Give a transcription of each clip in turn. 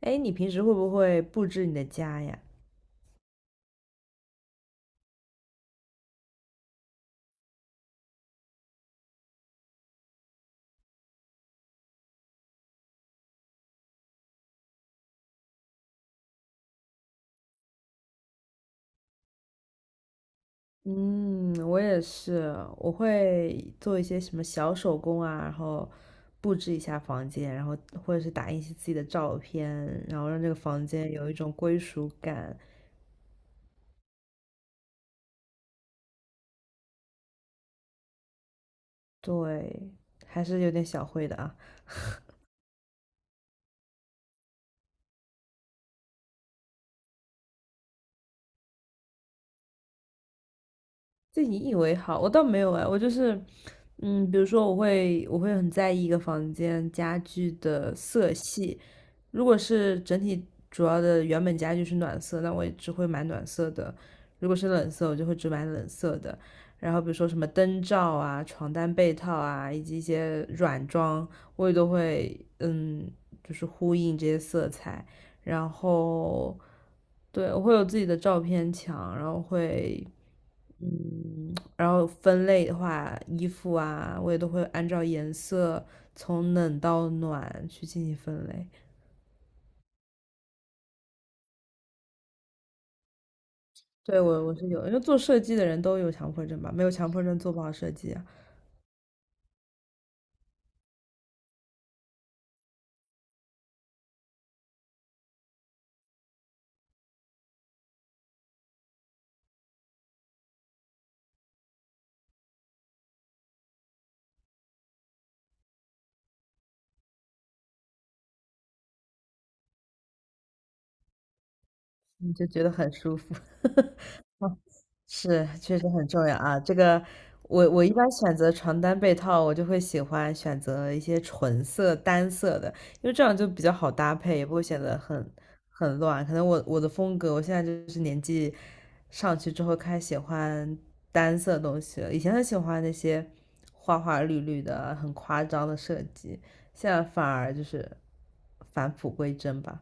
哎，你平时会不会布置你的家呀？嗯，我也是，我会做一些什么小手工啊，然后布置一下房间，然后或者是打印一些自己的照片，然后让这个房间有一种归属感。对，还是有点小会的啊。自你以为好，我倒没有哎，我就是，嗯，比如说我会很在意一个房间家具的色系，如果是整体主要的原本家具是暖色，那我也只会买暖色的；如果是冷色，我就会只买冷色的。然后比如说什么灯罩啊、床单被套啊，以及一些软装，我也都会就是呼应这些色彩。然后对，我会有自己的照片墙，然后然后分类的话，衣服啊，我也都会按照颜色从冷到暖去进行分类。对，我是有，因为做设计的人都有强迫症吧，没有强迫症做不好设计啊，你就觉得很舒服。是，确实很重要啊。这个，我一般选择床单被套，我就会喜欢选择一些纯色、单色的，因为这样就比较好搭配，也不会显得很乱。可能我的风格，我现在就是年纪上去之后开始喜欢单色东西了。以前很喜欢那些花花绿绿的、很夸张的设计，现在反而就是返璞归真吧。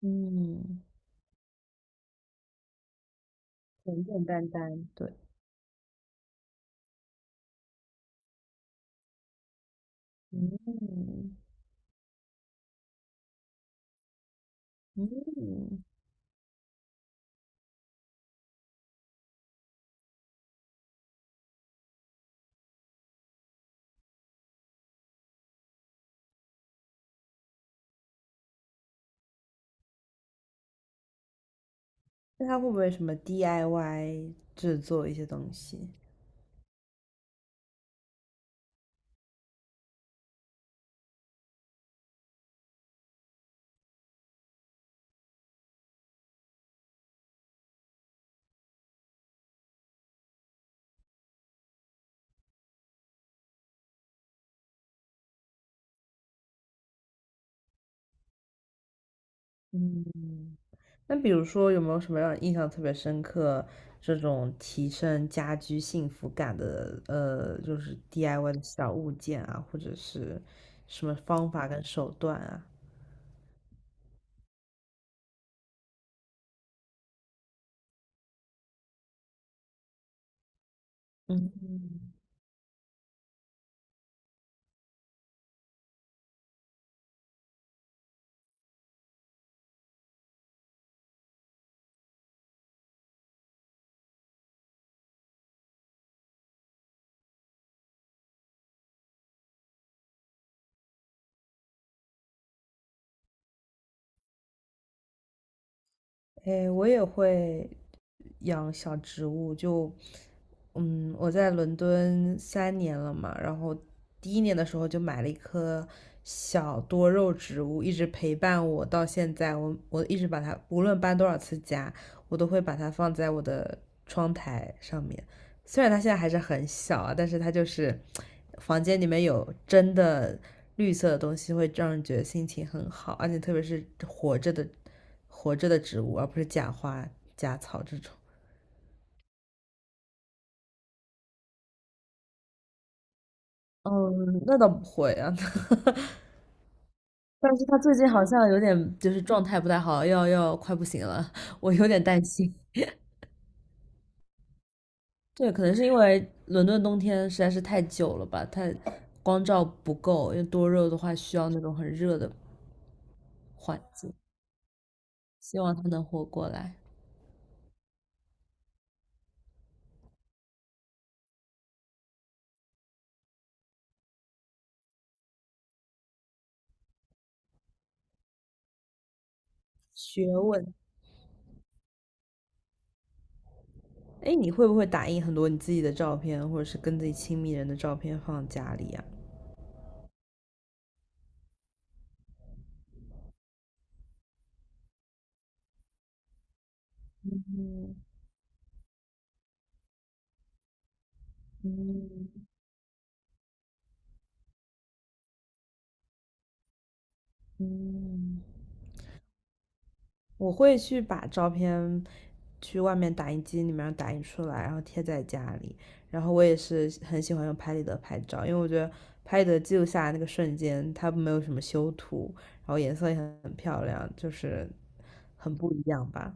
嗯，简简单单，对，嗯嗯。那他会不会什么 DIY 制作一些东西？嗯，那比如说有没有什么让你印象特别深刻这种提升家居幸福感的,就是 DIY 的小物件啊，或者是什么方法跟手段啊？嗯，诶，我也会养小植物，我在伦敦三年了嘛，然后第一年的时候就买了一棵小多肉植物，一直陪伴我到现在。我一直把它，无论搬多少次家，我都会把它放在我的窗台上面。虽然它现在还是很小啊，但是它就是房间里面有真的绿色的东西，会让人觉得心情很好，而且特别是活着的植物，而不是假花、假草这种。嗯，那倒不会啊，但是他最近好像有点就是状态不太好，要快不行了，我有点担心。对，可能是因为伦敦冬天实在是太久了吧，太光照不够，因为多肉的话需要那种很热的环境。希望他能活过来。学问，哎，你会不会打印很多你自己的照片，或者是跟自己亲密人的照片放家里呀？嗯嗯。我会去把照片去外面打印机里面打印出来，然后贴在家里。然后我也是很喜欢用拍立得拍照，因为我觉得拍立得记录下来那个瞬间，它没有什么修图，然后颜色也很漂亮，就是很不一样吧。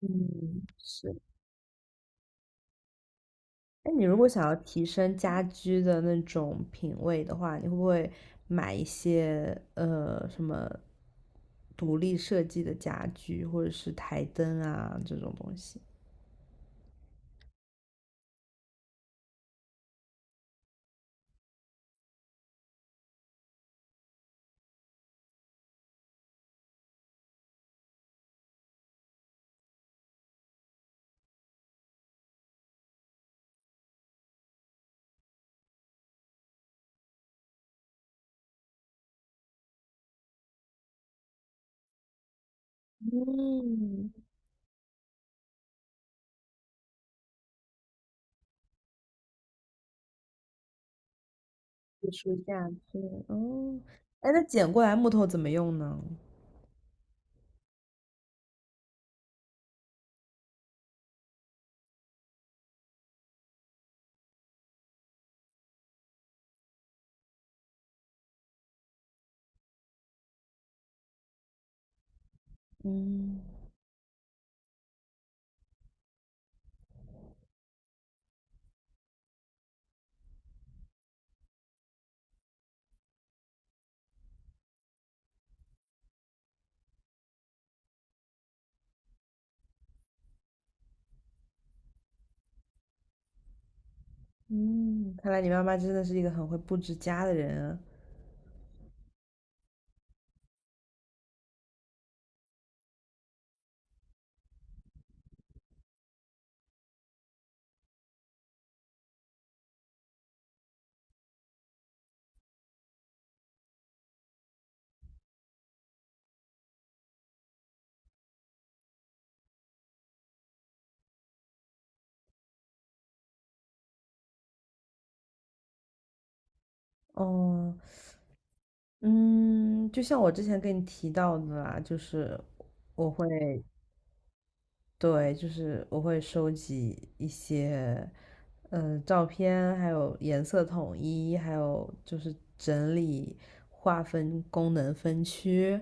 嗯，是。哎，你如果想要提升家居的那种品味的话，你会不会买一些什么独立设计的家居，或者是台灯啊这种东西？嗯，艺术下去哦。哎，那捡过来木头怎么用呢？嗯嗯，看来你妈妈真的是一个很会布置家的人啊哦，嗯，就像我之前跟你提到的啦，就是我会对，就是我会收集一些，嗯、照片，还有颜色统一，还有就是整理、划分功能分区。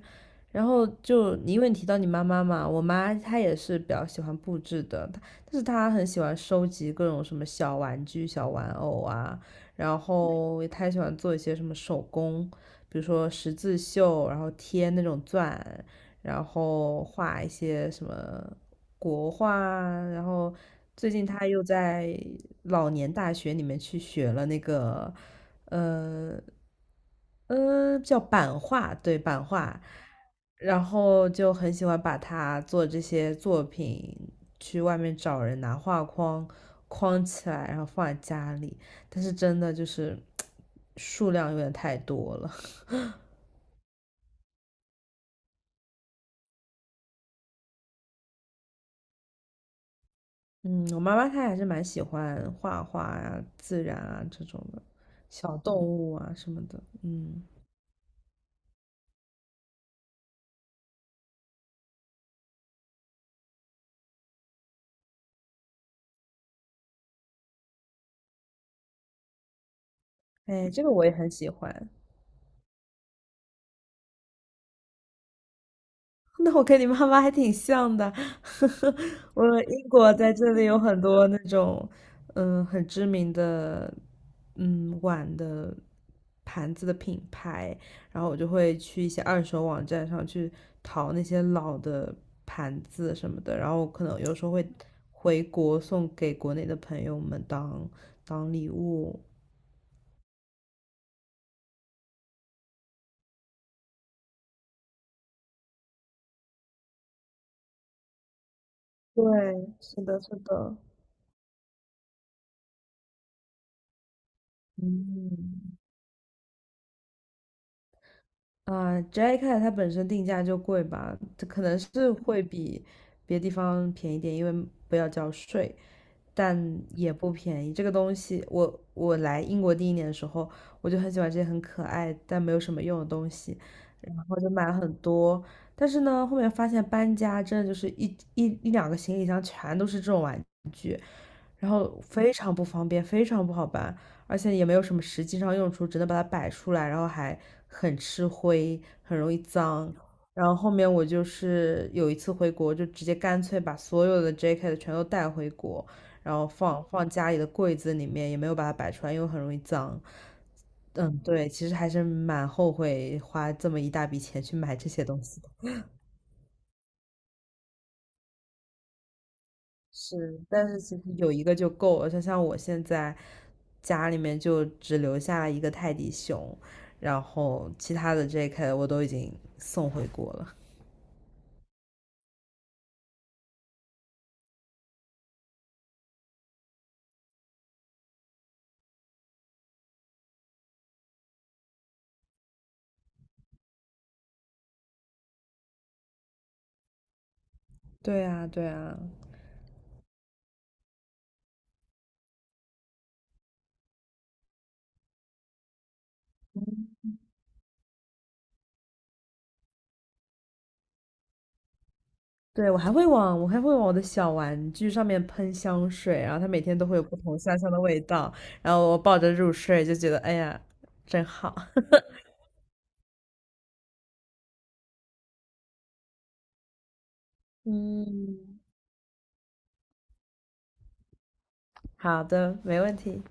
然后就你因为你提到你妈妈嘛，我妈她也是比较喜欢布置的，她但是她很喜欢收集各种什么小玩具、小玩偶啊，然后她也喜欢做一些什么手工，比如说十字绣，然后贴那种钻，然后画一些什么国画啊然后最近他又在老年大学里面去学了那个，呃叫版画，对，版画，然后就很喜欢把他做这些作品去外面找人拿画框框起来，然后放在家里，但是真的就是 数量有点太多了。嗯，我妈妈她还是蛮喜欢画画啊、自然啊这种的，小动物啊什么的。嗯，哎，这个我也很喜欢。那我跟你妈妈还挺像的，我英国在这里有很多那种，嗯，很知名的，嗯，碗的盘子的品牌，然后我就会去一些二手网站上去淘那些老的盘子什么的，然后可能有时候会回国送给国内的朋友们当礼物。对，是的，是的。嗯，啊，Jacket 它本身定价就贵吧，这可能是会比别的地方便宜点，因为不要交税。但也不便宜。这个东西，我我来英国第一年的时候，我就很喜欢这些很可爱但没有什么用的东西，然后就买了很多。但是呢，后面发现搬家真的就是一两个行李箱全都是这种玩具，然后非常不方便，非常不好搬，而且也没有什么实际上用处，只能把它摆出来，然后还很吃灰，很容易脏。然后后面我就是有一次回国，就直接干脆把所有的 JK 的全都带回国，然后放家里的柜子里面，也没有把它摆出来，因为很容易脏。嗯，对，其实还是蛮后悔花这么一大笔钱去买这些东西的。是，但是其实有一个就够了。就像我现在家里面就只留下了一个泰迪熊，然后其他的 JK 我都已经送回国了。对啊，对啊，对，我还会往我的小玩具上面喷香水，然后它每天都会有不同香香的味道，然后我抱着入睡就觉得哎呀，真好。嗯，好的，没问题。